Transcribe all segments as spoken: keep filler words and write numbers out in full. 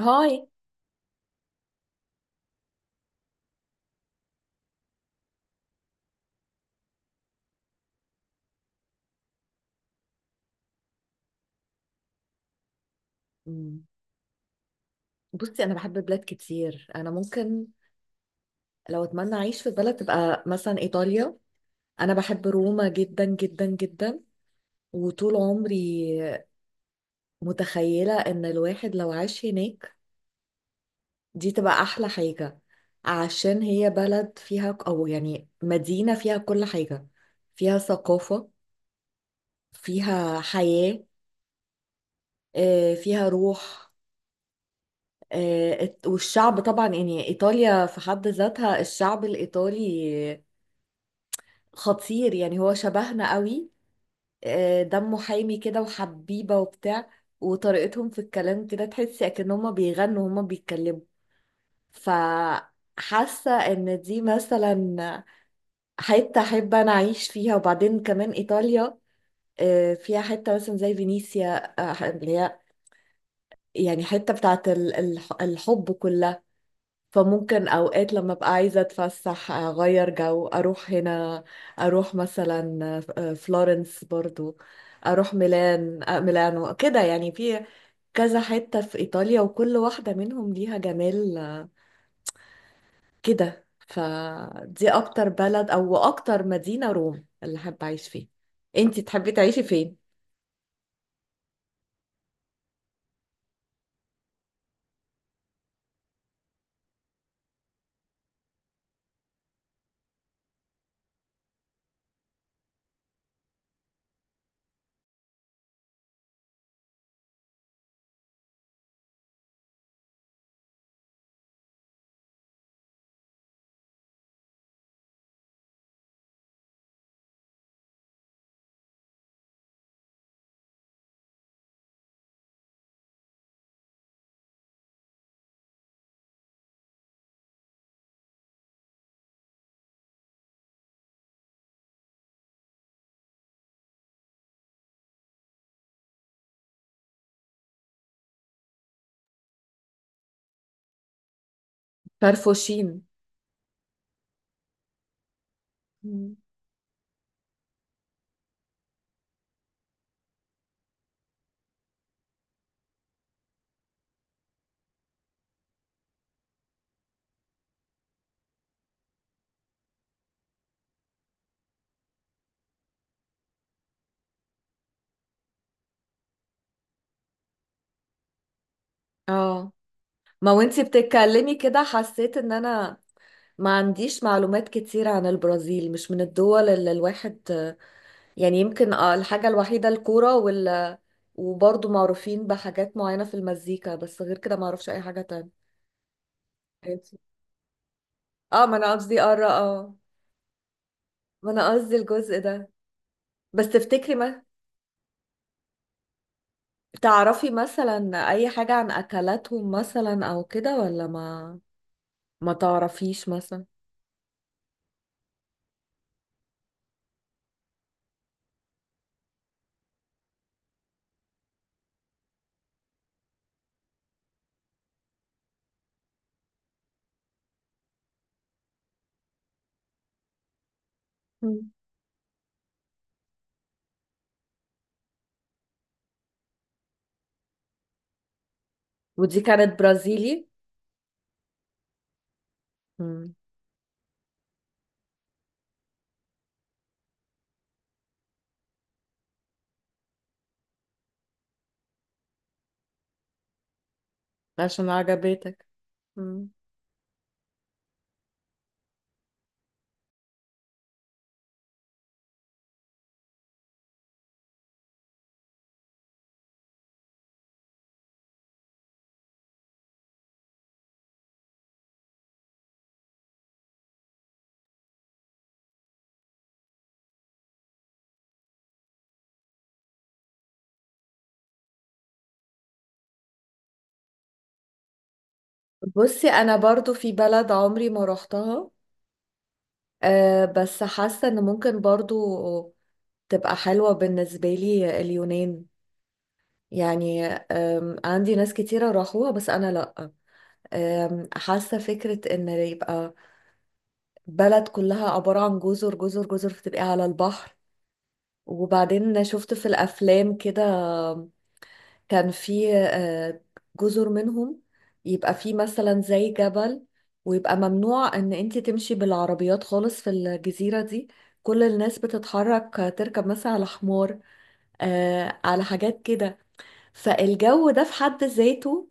هاي. مم. بصي انا بحب بلاد كتير، انا ممكن لو اتمنى اعيش في بلد تبقى مثلا ايطاليا. انا بحب روما جدا جدا جدا، وطول عمري متخيلة ان الواحد لو عاش هناك دي تبقى احلى حاجة، عشان هي بلد فيها ك- او يعني مدينة فيها كل حاجة، فيها ثقافة، فيها حياة، آه، فيها روح. آه، والشعب طبعا، يعني ايطاليا في حد ذاتها الشعب الايطالي خطير، يعني هو شبهنا قوي. آه، دمه حامي كده وحبيبة وبتاع، وطريقتهم في الكلام كده تحسي اكن هما بيغنوا وهما بيتكلموا. فحاسة ان دي مثلا حتة احب انا اعيش فيها. وبعدين كمان ايطاليا آه، فيها حتة مثلا زي فينيسيا، آه، اللي هي يعني حتة بتاعت ال- الح- الحب كلها. فممكن اوقات لما ابقى عايزه اتفسح اغير جو اروح هنا، اروح مثلا آه، فلورنس، برضو اروح ميلان، آه، ميلانو كده، يعني في كذا حته في ايطاليا وكل واحده منهم ليها جمال، آه، كده. فدي اكتر بلد او اكتر مدينه روم اللي حابه اعيش فيها. انتي تحبي تعيشي فين؟ فرفوشين. مم. اه، ما وانتي بتتكلمي كده حسيت ان انا ما عنديش معلومات كتير عن البرازيل، مش من الدول اللي الواحد يعني، يمكن آه، الحاجة الوحيدة الكورة وال، وبرضه معروفين بحاجات معينة في المزيكا، بس غير كده معرفش أي حاجة تانية. اه، ما أنا قصدي قارة. اه، ما أنا قصدي الجزء ده. بس تفتكري ما تعرفي مثلا أي حاجة عن أكلاتهم مثلا أو كده، ولا ما ما تعرفيش مثلا؟ مم. ودي كانت برازيلي؟ مم. عشان عجبتك. مم. بصي انا برضو في بلد عمري ما روحتها، أه، بس حاسه ان ممكن برضو تبقى حلوه بالنسبه لي، اليونان. يعني أم، عندي ناس كتيره راحوها بس انا لا. أم، حاسه فكره ان يبقى بلد كلها عباره عن جزر جزر جزر، فتبقى على البحر. وبعدين شفت في الافلام كده كان في آه، جزر منهم يبقى في مثلا زي جبل، ويبقى ممنوع ان انت تمشي بالعربيات خالص في الجزيرة دي، كل الناس بتتحرك آه، تركب مثلا على حمار، آه، على حاجات كده. فالجو ده في حد ذاته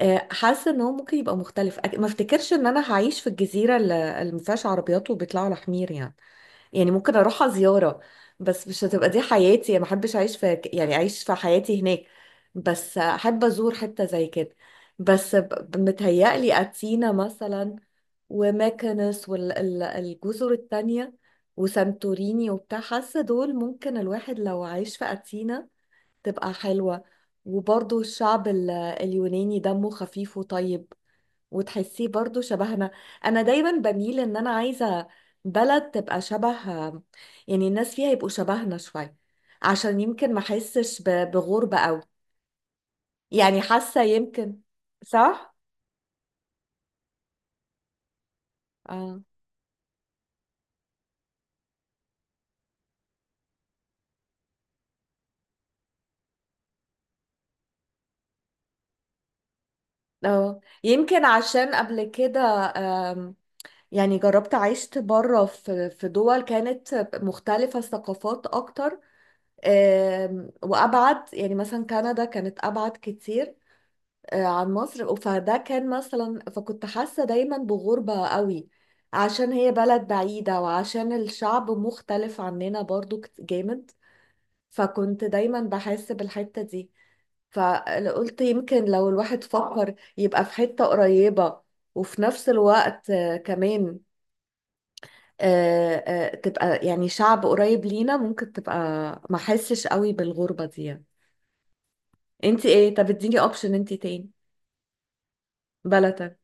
آه حاسة ان هو ممكن يبقى مختلف. أك- ما افتكرش ان انا هعيش في الجزيرة اللي اللي ما فيهاش عربيات وبيطلعوا على حمير يعني. يعني ممكن اروحها زيارة، بس مش هتبقى دي حياتي، ما احبش اعيش في، يعني اعيش في حياتي هناك. بس احب ازور حتة زي كده. بس ب- متهيألي اتينا مثلا، وماكنس، والجزر التانية وسانتوريني وبتاع، حاسة دول ممكن الواحد لو عايش في أثينا تبقى حلوة. وبرضو الشعب ال- اليوناني دمه خفيف وطيب، وتحسيه برضو شبهنا. انا دايما بميل ان انا عايزة بلد تبقى شبه، يعني الناس فيها يبقوا شبهنا شوية، عشان يمكن ما احسش ب- بغربة قوي يعني. حاسة يمكن. صح. اه. اه، يمكن عشان قبل كده آم، يعني جربت عشت بره في في دول كانت مختلفة الثقافات اكتر. آم، وابعد، يعني مثلا كندا كانت ابعد كتير آه، عن مصر، فده كان مثلا، فكنت حاسة دايما بغربة قوي عشان هي بلد بعيدة وعشان الشعب مختلف عننا برضو، كت- جامد. فكنت دايما بحس بالحتة دي. فقلت يمكن لو الواحد فكر يبقى في حتة قريبة، وفي نفس الوقت آه، كمان آه، آه، تبقى يعني شعب قريب لينا، ممكن تبقى ما حسش قوي بالغربة دي يعني. انت ايه؟ طب اديني اوبشن انت تاني بلد تانية.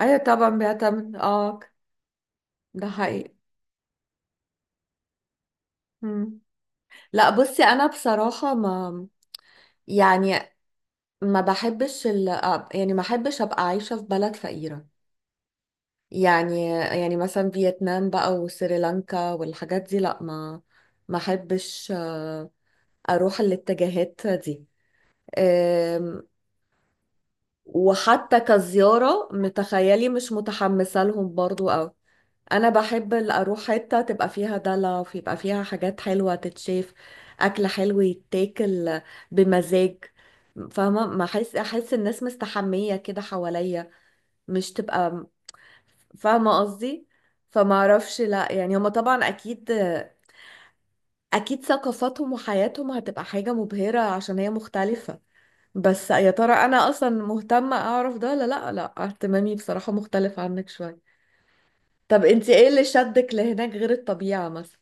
ايوه طبعا بيعتمد، اه، ده حقيقي. مم. لا بصي انا بصراحة ما، يعني ما بحبش ال... يعني ما بحبش ابقى عايشة في بلد فقيرة، يعني يعني مثلا فيتنام بقى وسريلانكا والحاجات دي، لا، ما ما احبش آه، اروح الاتجاهات دي. آم، وحتى كزيارة متخيلي مش متحمسة لهم برضو، او انا بحب ال- اروح حته تبقى فيها دلع ويبقى فيها حاجات حلوه تتشاف، اكل حلو يتاكل بمزاج، فاهمه؟ ما احس احس الناس مستحميه كده حواليا، مش تبقى، فاهمه قصدي؟ فما اعرفش، لا يعني هما طبعا اكيد، اكيد ثقافاتهم وحياتهم هتبقى حاجه مبهره عشان هي مختلفه، بس يا ترى انا اصلا مهتمه اعرف ده ولا لا؟ لا، اهتمامي بصراحه مختلف عنك شويه. طب انت ايه اللي شدك لهناك غير الطبيعه مثلا؟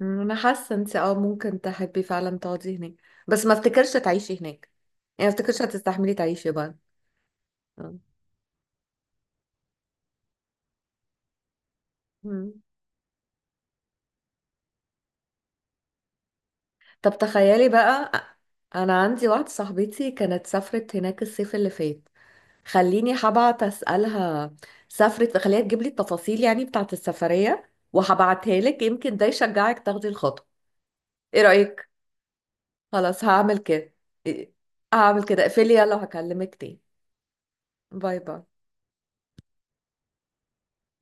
انا حاسه انت اه ممكن تحبي فعلا تقعدي هناك، بس ما افتكرش تعيشي هناك، يعني ما افتكرش هتستحملي تعيشي بقى. آه. مم. طب تخيلي بقى، انا عندي واحده صاحبتي كانت سافرت هناك الصيف اللي فات، خليني هبعت اسالها، سافرت خليها تجيب لي التفاصيل يعني بتاعه السفريه، وهبعتها لك يمكن ده يشجعك تاخدي الخطوه. ايه رايك؟ خلاص هعمل كده. إيه، هعمل كده، اقفلي يلا وهكلمك تاني. باي باي.